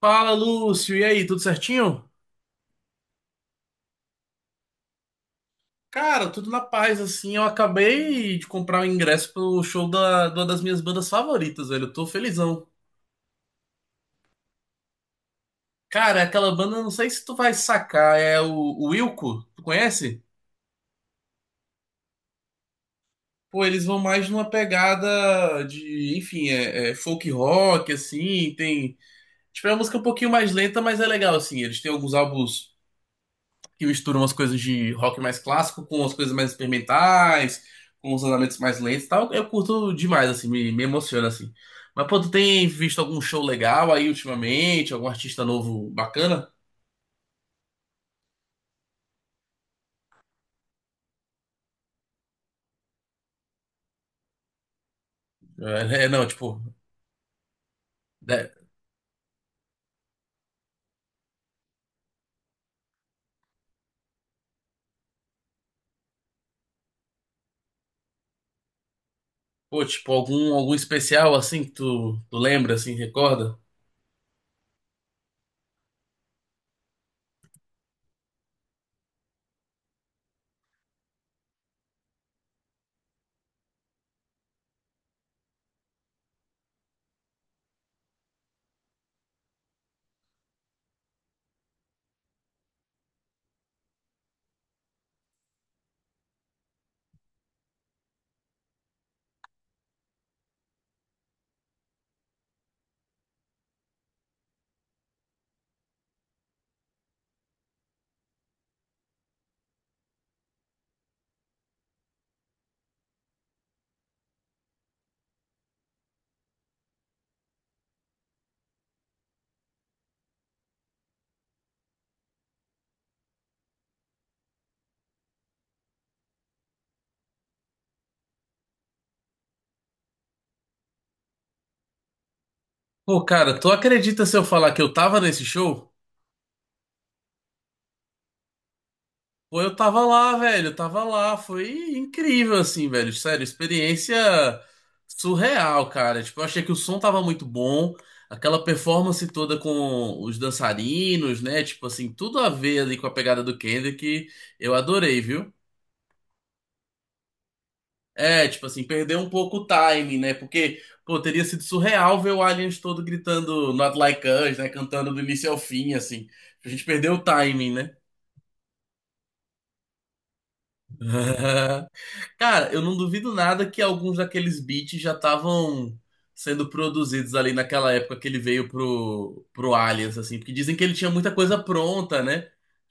Fala, Lúcio. E aí, tudo certinho? Cara, tudo na paz, assim. Eu acabei de comprar o ingresso pro show de uma das minhas bandas favoritas, velho. Eu tô felizão. Cara, aquela banda, não sei se tu vai sacar, é o Wilco. Tu conhece? Pô, eles vão mais numa pegada de, enfim, é folk rock, assim. Tem. Tipo, é uma música um pouquinho mais lenta, mas é legal, assim. Eles têm alguns álbuns que mistura umas coisas de rock mais clássico com umas coisas mais experimentais, com os andamentos mais lentos e tal. Eu curto demais, assim, me emociona, assim. Mas, pô, tu tem visto algum show legal aí ultimamente? Algum artista novo bacana? É, é, não, tipo, né? Pô, tipo, algum especial, assim, que tu lembra, assim, recorda? Pô, cara, tu acredita se eu falar que eu tava nesse show? Pô, eu tava lá, velho, eu tava lá, foi incrível, assim, velho, sério, experiência surreal, cara, tipo, eu achei que o som tava muito bom, aquela performance toda com os dançarinos, né, tipo assim, tudo a ver ali com a pegada do Kendrick, eu adorei, viu? É, tipo assim, perdeu um pouco o time, né, porque, pô, teria sido surreal ver o Aliens todo gritando Not Like Us, né, cantando do início ao fim, assim, a gente perdeu o timing, né? Cara, eu não duvido nada que alguns daqueles beats já estavam sendo produzidos ali naquela época que ele veio pro Aliens, assim, porque dizem que ele tinha muita coisa pronta, né?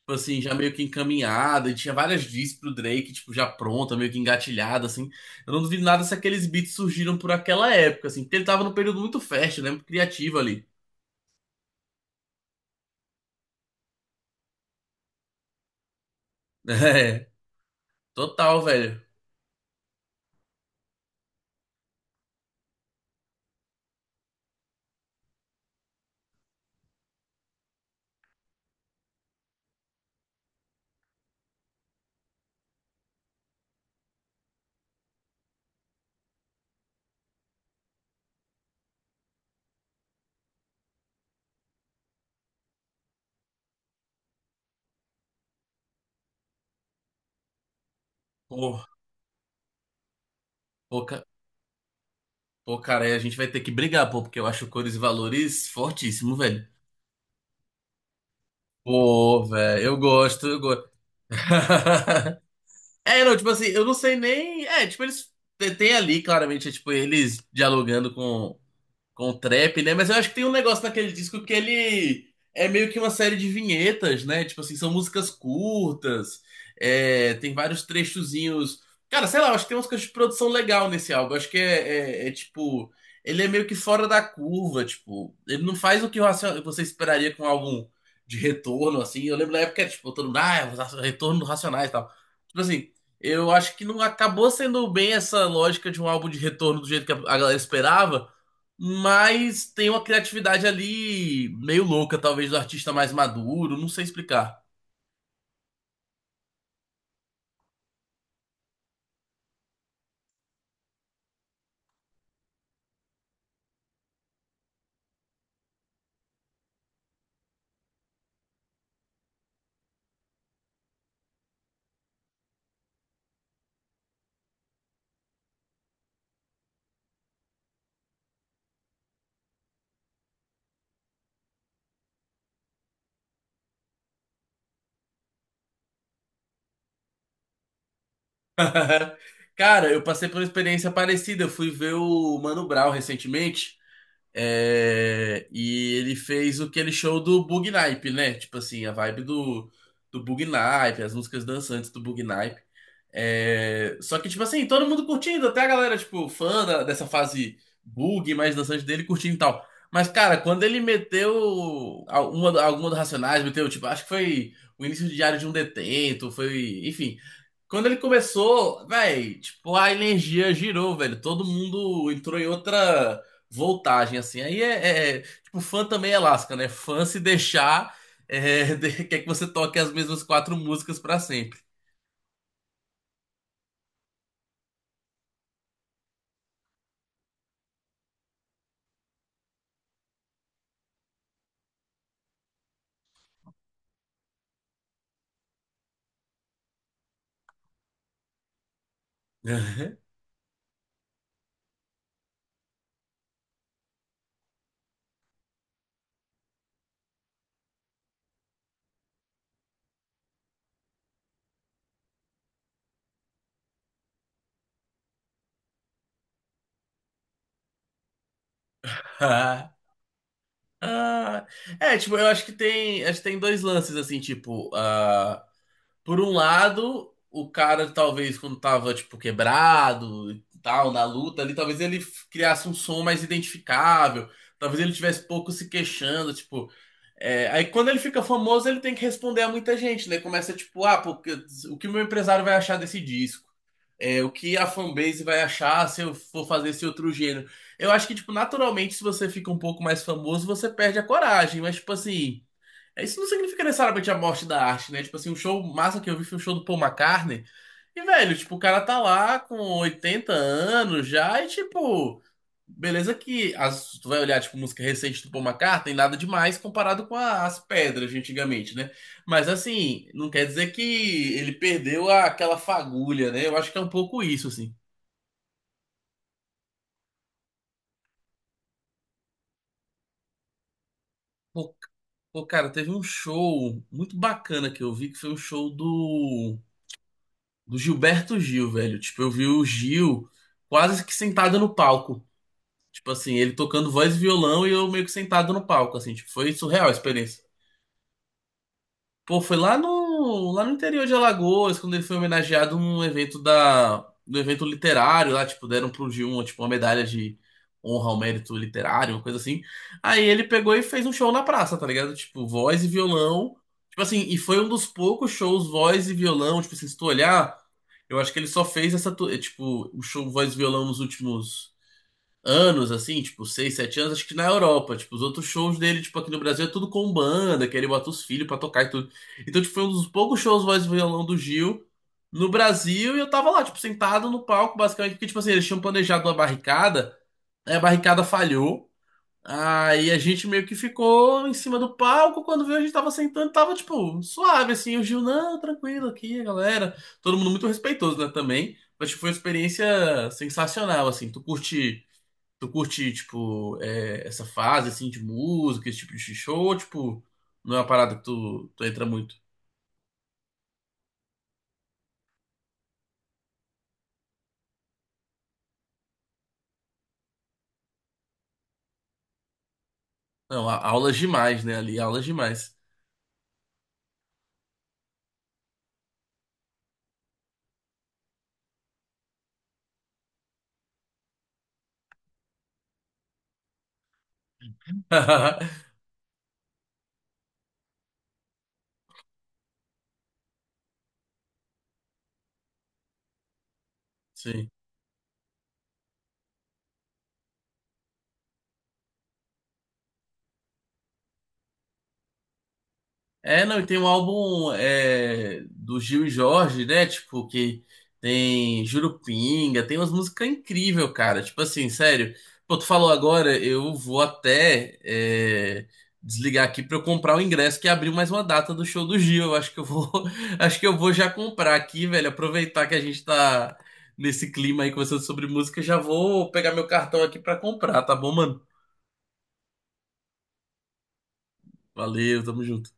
Tipo assim, já meio que encaminhada, e tinha várias discs pro Drake, tipo, já pronta, meio que engatilhada, assim. Eu não duvido nada se aqueles beats surgiram por aquela época, assim, porque ele tava num período muito fértil, né? Muito criativo ali. É, total, velho. Pô, pô, ca- Pô, cara, aí a gente vai ter que brigar, pô, porque eu acho cores e valores fortíssimo, velho. Pô, velho, eu gosto, eu gosto. É, não, tipo assim, eu não sei nem. É, tipo, eles. Tem ali, claramente, é, tipo, eles dialogando com trap, né? Mas eu acho que tem um negócio naquele disco que ele é meio que uma série de vinhetas, né? Tipo assim, são músicas curtas, é, tem vários trechozinhos. Cara, sei lá, eu acho que tem umas coisas de produção legal nesse álbum. Eu acho que tipo. Ele é meio que fora da curva, tipo. Ele não faz o que o você esperaria com um álbum de retorno, assim. Eu lembro da época, tipo, todo mundo, ah, os retorno do Racionais e tal. Tipo assim, eu acho que não acabou sendo bem essa lógica de um álbum de retorno do jeito que a galera esperava, mas tem uma criatividade ali meio louca, talvez do artista mais maduro, não sei explicar. Cara, eu passei por uma experiência parecida. Eu fui ver o Mano Brown recentemente. É, e ele fez aquele show do Bug Naip, né? Tipo assim, a vibe do, do Bug Naip, as músicas dançantes do Bug Naip. É, só que, tipo assim, todo mundo curtindo, até a galera, tipo, dessa fase bug mais dançante dele, curtindo e tal. Mas, cara, quando ele meteu alguma do Racionais, meteu, tipo, acho que foi o início de Diário de um Detento, foi, enfim. Quando ele começou, velho, tipo, a energia girou, velho. Todo mundo entrou em outra voltagem, assim. Aí tipo, fã também é lasca, né? Fã se deixar, é, quer que você toque as mesmas quatro músicas pra sempre. Ah, ah. É, tipo, eu acho que acho que tem dois lances, assim, tipo, ah, por um lado, o cara talvez quando tava, tipo, quebrado e tal, na luta ali, talvez ele criasse um som mais identificável, talvez ele tivesse pouco se queixando, tipo. É, aí quando ele fica famoso, ele tem que responder a muita gente, né? Começa tipo, ah, porque, o que o meu empresário vai achar desse disco? É, o que a fanbase vai achar se eu for fazer esse outro gênero? Eu acho que, tipo, naturalmente, se você fica um pouco mais famoso, você perde a coragem, mas, tipo assim, isso não significa necessariamente a morte da arte, né? Tipo assim, o show massa que eu vi foi o show do Paul McCartney. E, velho, tipo, o cara tá lá com 80 anos já e, tipo, beleza que as, tu vai olhar, tipo, música recente do Paul McCartney, nada demais comparado com as pedras de antigamente, né? Mas, assim, não quer dizer que ele perdeu aquela fagulha, né? Eu acho que é um pouco isso, assim. Pô, pô, cara, teve um show muito bacana que eu vi, que foi o show do Gilberto Gil, velho. Tipo, eu vi o Gil quase que sentado no palco. Tipo assim, ele tocando voz e violão e eu meio que sentado no palco, assim. Tipo, foi surreal a experiência. Pô, foi lá lá no interior de Alagoas, quando ele foi homenageado num evento do evento literário lá, tipo, deram pro g um tipo, uma medalha de honra ao mérito literário, uma coisa assim. Aí ele pegou e fez um show na praça, tá ligado? Tipo, voz e violão. Tipo assim, e foi um dos poucos shows voz e violão, tipo assim, se tu olhar, eu acho que ele só fez essa, é, tipo, o show voz e violão nos últimos anos, assim, tipo, 6, 7 anos, acho que na Europa. Tipo, os outros shows dele, tipo, aqui no Brasil é tudo com banda, que ele bota os filhos pra tocar e tudo. Então, tipo, foi um dos poucos shows voz e violão do Gil no Brasil e eu tava lá, tipo, sentado no palco, basicamente, porque, tipo assim, eles tinham planejado uma barricada, aí a barricada falhou. Aí a gente meio que ficou em cima do palco. Quando viu, a gente tava sentando, tava tipo suave assim. O Gil, não, tranquilo aqui, galera. Todo mundo muito respeitoso, né? Também. Mas tipo, foi uma experiência sensacional, assim. Tu curte, tipo, é, essa fase, assim, de música, esse tipo de show? Ou, tipo, não é uma parada que tu entra muito? Não, aulas demais, né? Ali, aulas demais. Sim. É, não, e tem um álbum é, do Gil e Jorge, né? Tipo, que tem Jurupinga, tem umas músicas incríveis, cara. Tipo assim, sério. Pô, tu falou agora, eu vou até é, desligar aqui pra eu comprar o ingresso que abriu mais uma data do show do Gil. Eu acho que eu vou, acho que eu vou já comprar aqui, velho. Aproveitar que a gente tá nesse clima aí conversando sobre música, já vou pegar meu cartão aqui pra comprar, tá bom, mano? Valeu, tamo junto.